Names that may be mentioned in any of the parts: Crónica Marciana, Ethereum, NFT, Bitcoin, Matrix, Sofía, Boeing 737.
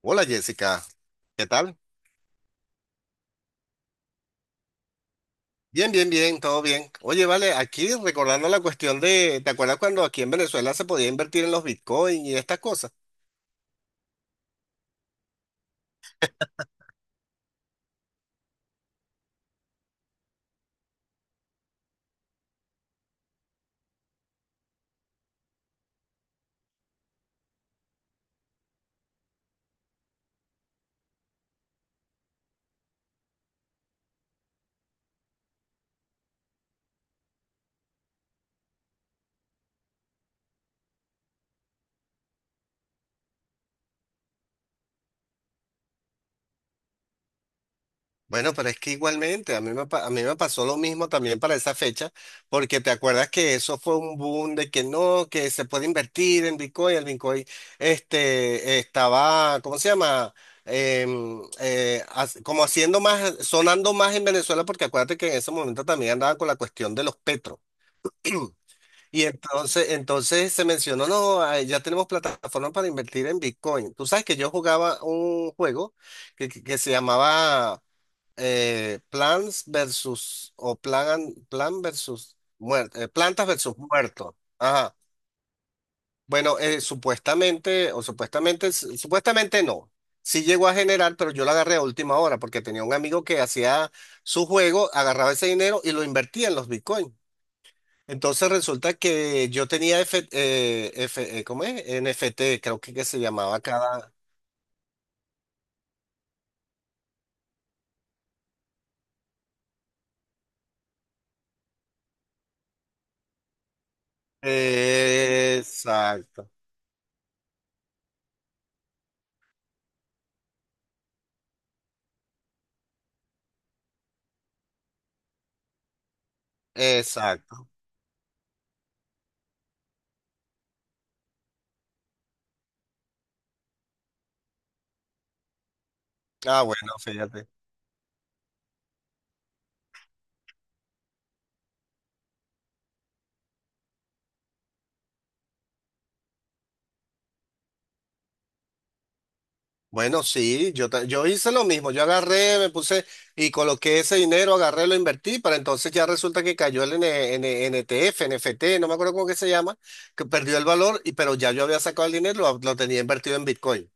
Hola Jessica, ¿qué tal? Bien, bien, bien, todo bien. Oye, vale, aquí recordando la cuestión de, ¿te acuerdas cuando aquí en Venezuela se podía invertir en los Bitcoin y estas cosas? Bueno, pero es que igualmente, a mí me pasó lo mismo también para esa fecha, porque te acuerdas que eso fue un boom de que no, que se puede invertir en Bitcoin, el Bitcoin, este, estaba, ¿cómo se llama? Como haciendo más, sonando más en Venezuela, porque acuérdate que en ese momento también andaban con la cuestión de los petros. Y entonces se mencionó, no, ah, ya tenemos plataformas para invertir en Bitcoin. Tú sabes que yo jugaba un juego que se llamaba Plants versus o Plan, Plan versus muer- Plantas versus Muertos. Ajá. Bueno, supuestamente, o supuestamente, s- supuestamente no. Sí llegó a generar, pero yo lo agarré a última hora porque tenía un amigo que hacía su juego, agarraba ese dinero y lo invertía en los Bitcoin. Entonces resulta que yo tenía ¿cómo es? NFT, creo que se llamaba cada. Exacto, exacto. Ah, bueno, fíjate. Bueno, sí, yo hice lo mismo. Yo agarré, me puse y coloqué ese dinero, agarré, lo invertí, para entonces ya resulta que cayó el NTF, NFT, no me acuerdo cómo que se llama, que perdió el valor, y, pero ya yo había sacado el dinero, lo tenía invertido en Bitcoin.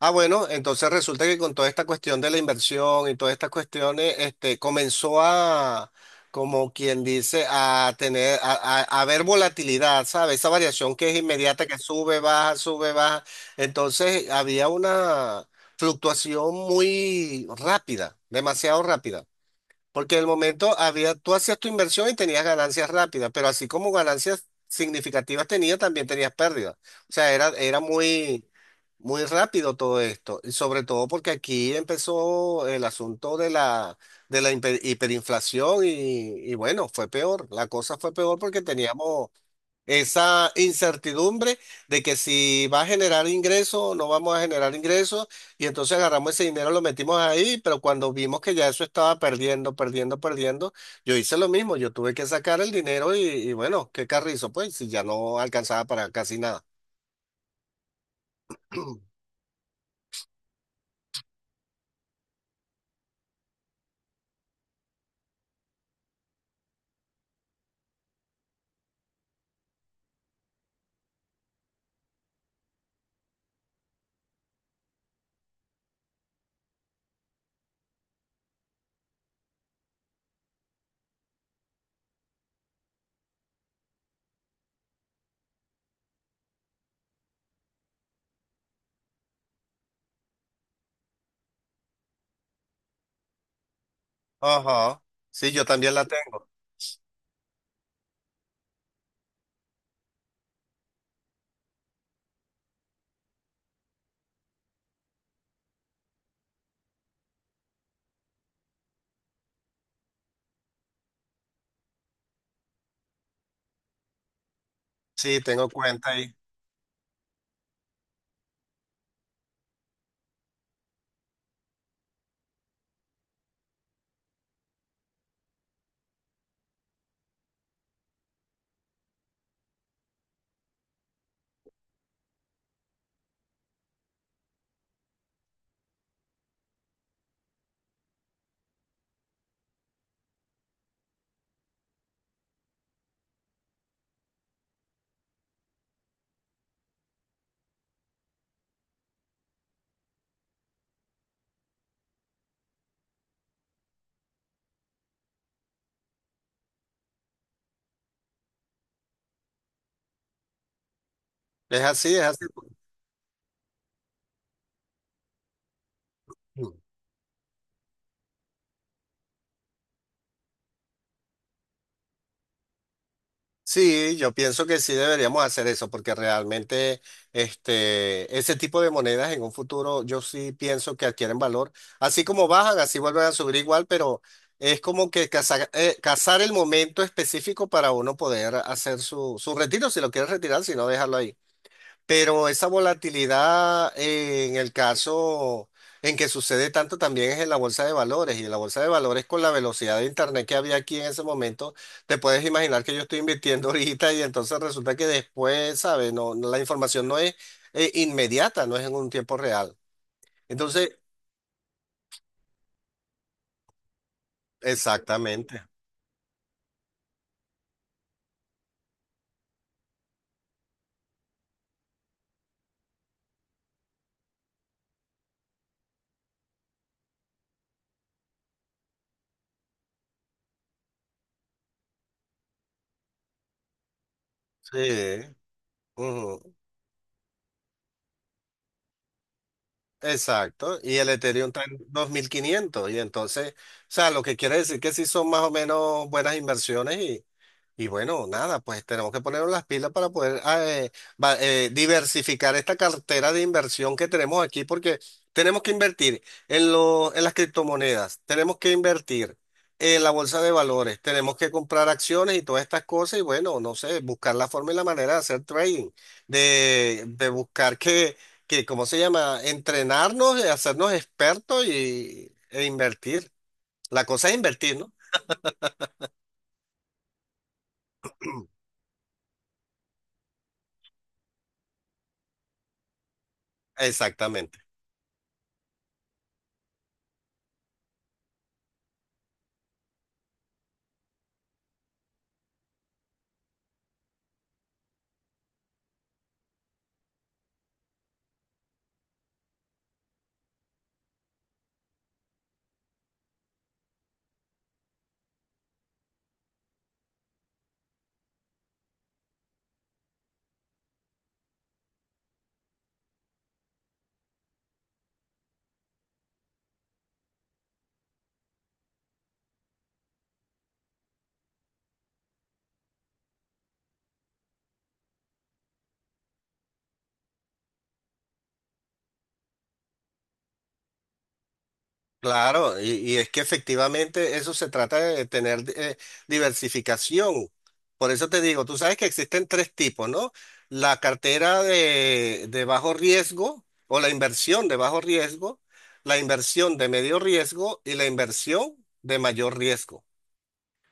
Ah, bueno, entonces resulta que con toda esta cuestión de la inversión y todas estas cuestiones, este, comenzó a, como quien dice, a tener, a ver volatilidad, ¿sabes? Esa variación que es inmediata, que sube, baja, sube, baja. Entonces había una fluctuación muy rápida, demasiado rápida. Porque en el momento había, tú hacías tu inversión y tenías ganancias rápidas, pero así como ganancias significativas tenías, también tenías pérdidas. O sea, era muy, muy rápido todo esto. Y sobre todo porque aquí empezó el asunto de la hiperinflación y bueno, fue peor. La cosa fue peor porque teníamos esa incertidumbre de que si va a generar ingresos o no vamos a generar ingresos, y entonces agarramos ese dinero, lo metimos ahí, pero cuando vimos que ya eso estaba perdiendo, perdiendo, perdiendo, yo hice lo mismo, yo tuve que sacar el dinero y bueno, qué carrizo, pues, si ya no alcanzaba para casi nada. Ajá, sí, yo también la tengo, sí, tengo cuenta ahí. Es así, es así. Sí, yo pienso que sí deberíamos hacer eso, porque realmente este, ese tipo de monedas en un futuro yo sí pienso que adquieren valor. Así como bajan, así vuelven a subir igual, pero es como que cazar el momento específico para uno poder hacer su retiro, si lo quieres retirar, si no, dejarlo ahí. Pero esa volatilidad en el caso en que sucede tanto también es en la bolsa de valores. Y en la bolsa de valores con la velocidad de internet que había aquí en ese momento, te puedes imaginar que yo estoy invirtiendo ahorita y entonces resulta que después, ¿sabes? No, no, la información no es inmediata, no es en un tiempo real. Entonces, exactamente. Sí. Ujú. Exacto, y el Ethereum está en 2.500 y entonces, o sea, lo que quiere decir que sí son más o menos buenas inversiones y bueno, nada, pues tenemos que ponernos las pilas para poder diversificar esta cartera de inversión que tenemos aquí, porque tenemos que invertir en las criptomonedas, tenemos que invertir en la bolsa de valores, tenemos que comprar acciones y todas estas cosas, y bueno, no sé, buscar la forma y la manera de hacer trading, de buscar ¿cómo se llama? Entrenarnos, hacernos expertos e invertir. La cosa es invertir, ¿no? Exactamente. Claro, y es que efectivamente eso se trata de tener diversificación. Por eso te digo, tú sabes que existen tres tipos, ¿no? La cartera de bajo riesgo o la inversión de bajo riesgo, la inversión de medio riesgo y la inversión de mayor riesgo.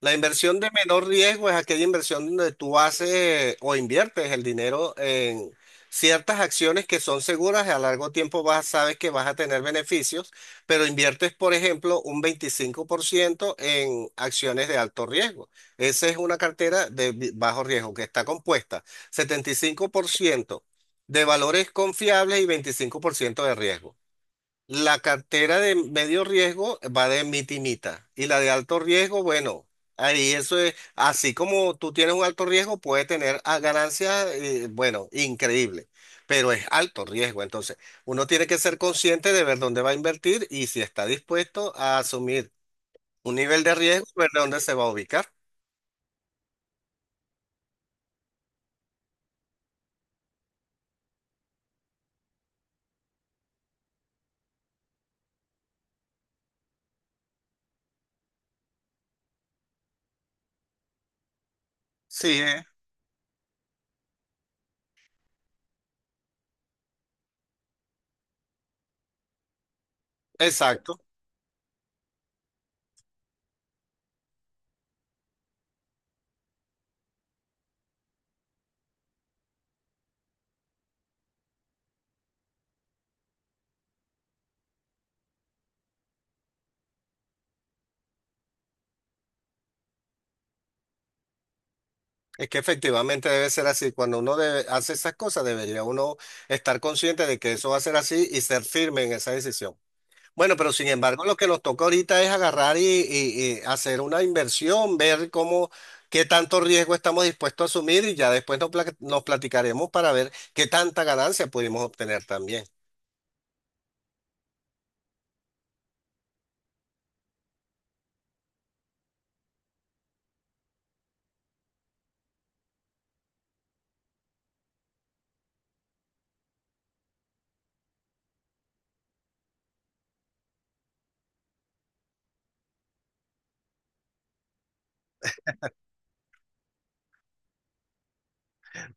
La inversión de menor riesgo es aquella inversión donde tú haces o inviertes el dinero en ciertas acciones que son seguras y a largo tiempo vas, sabes que vas a tener beneficios, pero inviertes, por ejemplo, un 25% en acciones de alto riesgo. Esa es una cartera de bajo riesgo que está compuesta 75% de valores confiables y 25% de riesgo. La cartera de medio riesgo va de mita y mita. Y la de alto riesgo, bueno, ahí eso es, así como tú tienes un alto riesgo, puede tener ganancias, bueno, increíble, pero es alto riesgo. Entonces, uno tiene que ser consciente de ver dónde va a invertir y si está dispuesto a asumir un nivel de riesgo, ver dónde se va a ubicar. Sí, ¿eh? Exacto. Es que efectivamente debe ser así. Cuando uno hace esas cosas, debería uno estar consciente de que eso va a ser así y ser firme en esa decisión. Bueno, pero sin embargo, lo que nos toca ahorita es agarrar y hacer una inversión, ver cómo, qué tanto riesgo estamos dispuestos a asumir y ya después nos platicaremos para ver qué tanta ganancia pudimos obtener también.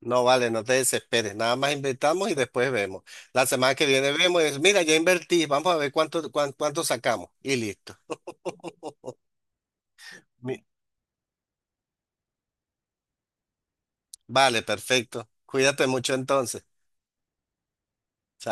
No vale, no te desesperes, nada más invertamos y después vemos. La semana que viene vemos, y es, mira, ya invertí, vamos a ver cuánto sacamos y listo. Mi- Vale, perfecto. Cuídate mucho entonces. Chao.